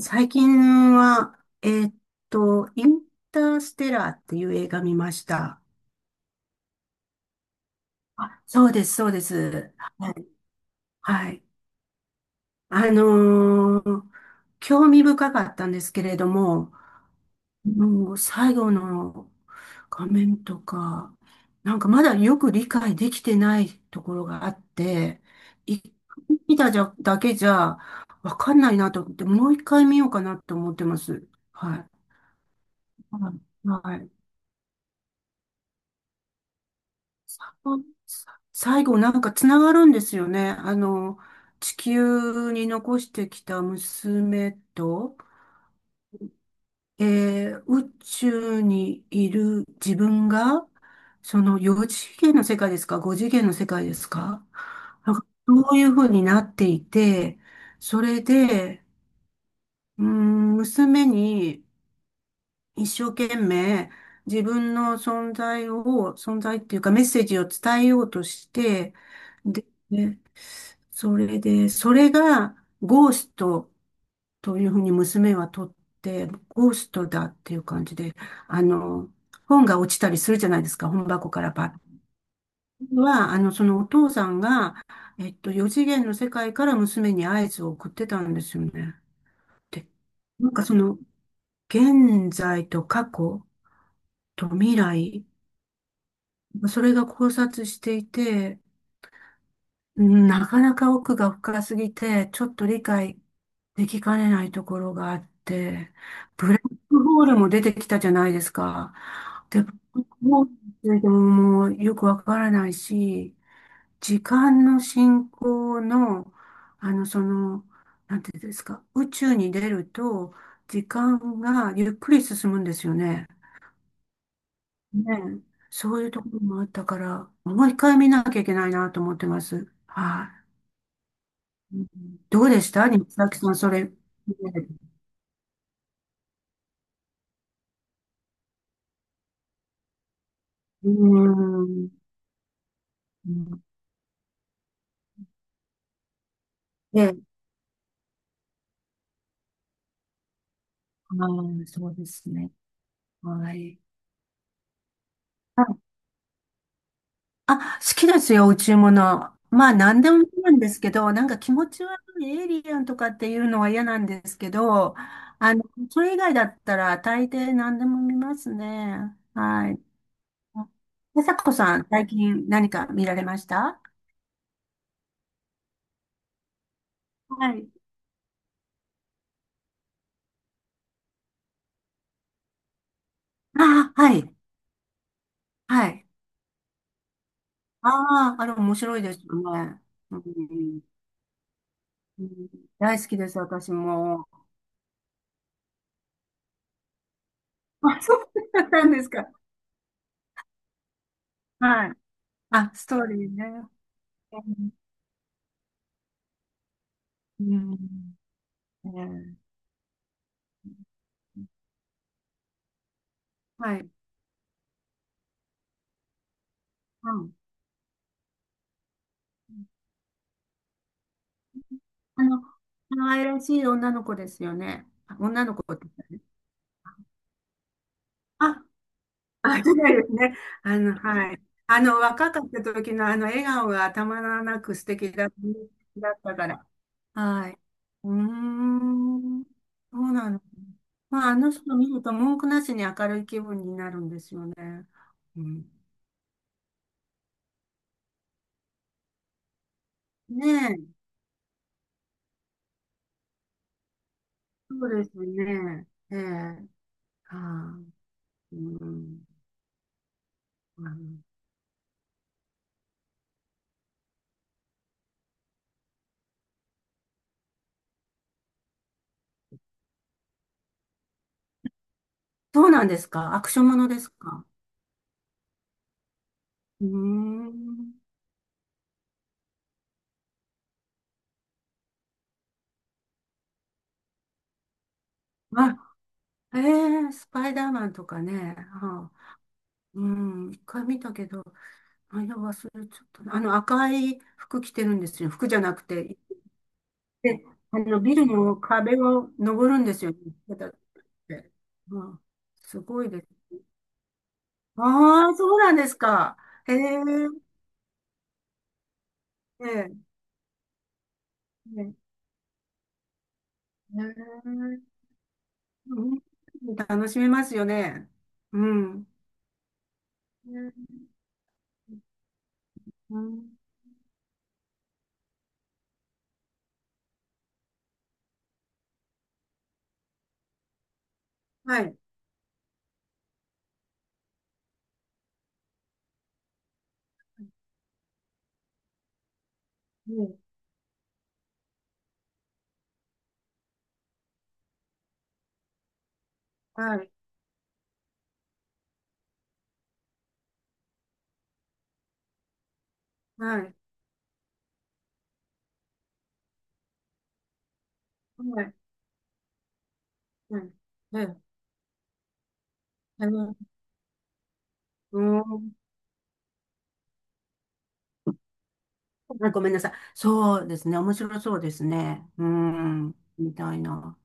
最近は、インターステラーっていう映画見ました。あ、そうです、そうです。はい。はい。あのー興味深かったんですけれども、もう最後の画面とか、なんかまだよく理解できてないところがあって、一回見ただけじゃわかんないなと思って、もう一回見ようかなと思ってます。はい。はい。はい最後なんかつながるんですよね。地球に残してきた娘と、宇宙にいる自分が、その4次元の世界ですか？ 5 次元の世界ですか？なんかそういうふうになっていて、それで、うーん、娘に一生懸命自分の存在を、存在っていうかメッセージを伝えようとして、でそれで、それがゴーストというふうに娘は取って、ゴーストだっていう感じで、あの、本が落ちたりするじゃないですか、本箱からパッ。は、あの、そのお父さんが、四次元の世界から娘に合図を送ってたんですよね。で、なんかその、現在と過去と未来、それが交錯していて、うんなかなか奥が深すぎて、ちょっと理解できかねないところがあって、ブラックホールも出てきたじゃないですか。で、ブラックホールについてももうよくわからないし、時間の進行の、あの、その、なんていうんですか、宇宙に出ると、時間がゆっくり進むんですよね。ねえ、そういうところもあったから、もう一回見なきゃいけないなと思ってます。はい。うんどうでした、西崎さん、それ？ねうーん。で、そうですね。はい。はいあ、好きですよ、宇宙物。まあ、何でもいいんですけど、なんか気持ち悪いエイリアンとかっていうのは嫌なんですけど、それ以外だったら大抵何でも見ますね。はい。で、さこさん、最近何か見られました？はい。あはい。はい。ああ、あれ面白いですよね。うんうん大好きです、私も。あ、そうだったんですか。はい。あ、ストーリーね。うん。うんええはい。うん。あの、可愛らしい女の子ですよね。あ女の子って言ったね。あ、あ、そうですね。はい。あの、若かった時のあの笑顔がたまらなく素敵だったから。はい。うーん。そうなの。まあ、あの人見ると文句なしに明るい気分になるんですよね。うん。ねえ。そうですね。ええ。はい。うん。うそうなんですか？アクションものですか？うーん。あ、ええ、スパイダーマンとかね。はあ、うん。一回見たけど、内容忘れちゃったな。あの赤い服着てるんですよ。服じゃなくて、で、ビルの壁を登るんですよね。ペタって。うん。すごいです。ああ、そうなんですか。へえ、ええ、ええ、へえうん楽しめますよね。うん。ねうん、はい、うんはい、はい、はい、はい。ええ、あの、うん。ごめんなさい。そうですね。面白そうですね。うん。みたいな。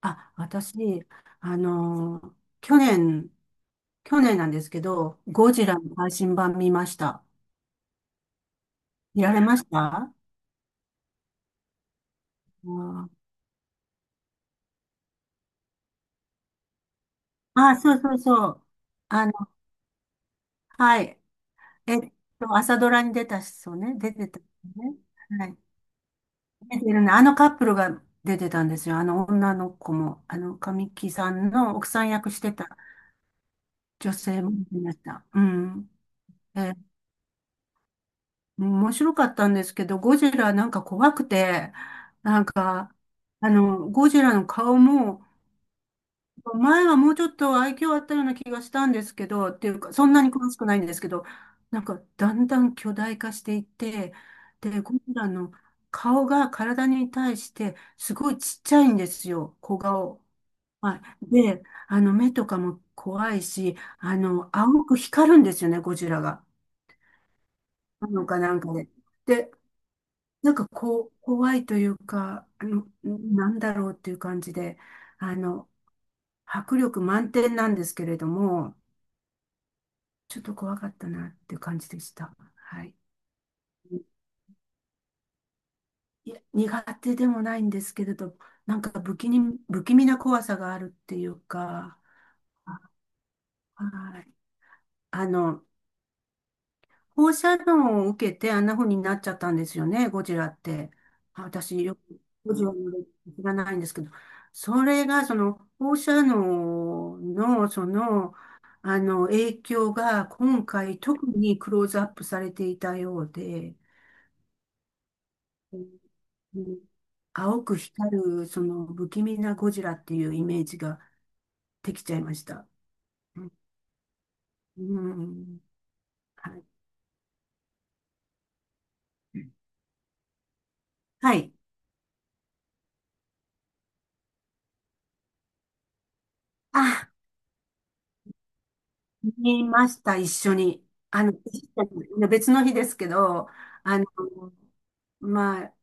あ、私、あのー去年、去年なんですけど、ゴジラの配信版見ました。見られました？ああ、そうそうそう。あの、はい。えっ朝ドラに出た人ね、出てた人ね。はい。出てるね。あのカップルが出てたんですよ。あの女の子も、神木さんの奥さん役してた女性も出てました。うん。え面白かったんですけど、ゴジラなんか怖くて、なんか、ゴジラの顔も、前はもうちょっと愛嬌あったような気がしたんですけど、っていうか、そんなに詳しくないんですけど、なんか、だんだん巨大化していって、で、ゴジラの顔が体に対して、すごいちっちゃいんですよ、小顔。はい。で、目とかも怖いし、青く光るんですよね、ゴジラが。あのかなんかで。でなんかこう、怖いというか、なんだろうっていう感じで、あの、迫力満点なんですけれども、ちょっと怖かったなっていう感じでした。はい。いや、苦手でもないんですけれど、なんか不気味な怖さがあるっていうか、はい。あの、放射能を受けてあんな風になっちゃったんですよね、ゴジラって。あ私、よくゴジラの歴史知らないんですけど、それが、その、放射能の、その、影響が、今回、特にクローズアップされていたようで、うん青く光る、その、不気味なゴジラっていうイメージができちゃいました。うん、うんはい。はい。あ見ました、一緒に。あの、別の日ですけど、あの、まあ、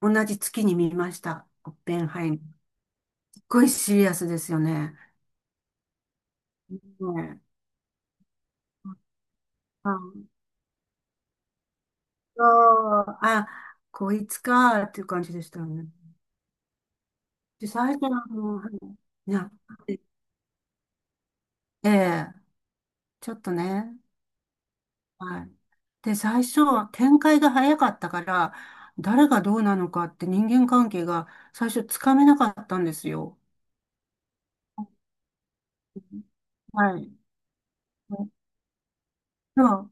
同じ月に見ました。オッペンハイマー。すっごいシリアスですよね。ねえあ、そうあ、こいつかっていう感じでしたよね。で、最初はいいや、ええ、ちょっとね。はい。で、最初、展開が早かったから、誰がどうなのかって人間関係が最初つかめなかったんですよ。はい。そう、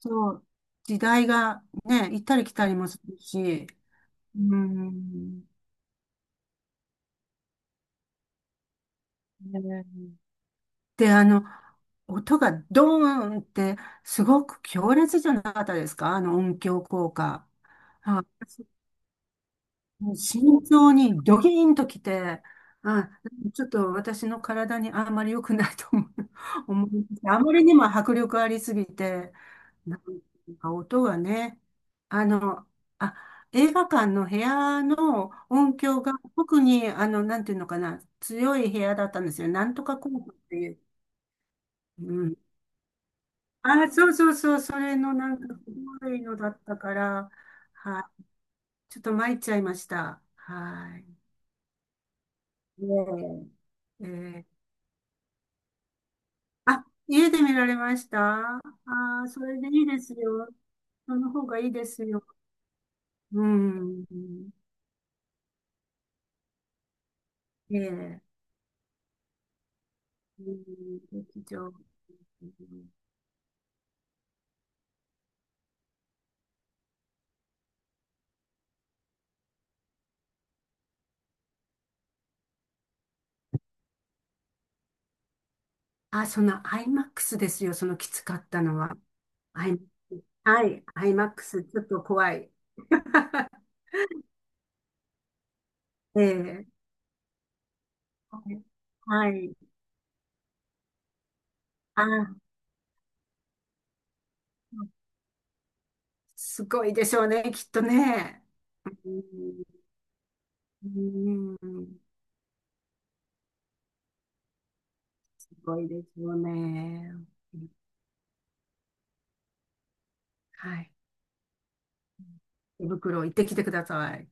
そう、時代がね、行ったり来たりもするし、うん。ねで、音がドーンってすごく強烈じゃなかったですか？あの音響効果。あもう慎重にドキーンときて、あ、ちょっと私の体にあんまり良くないと思う、思いました。あまりにも迫力ありすぎて、なんか音がね、あの、あ、映画館の部屋の音響が特に、なんていうのかな、強い部屋だったんですよ。なんとかコートっていう。うん。あ、そうそうそう、それのなんか古いのだったから、はい。ちょっと参っちゃいました。はい。ねええー、あ、家で見られました？ああそれでいいですよ。その方がいいですよ。うん。ええ、うん、劇場。うんあ、その IMAX ですよ。そのきつかったのは。はい。はい。IMAX、ちょっと怖い。ええ。はい。あ、すごいでしょうね、きっとね。うん、うんすごいですよね。はい。手袋行ってきてください。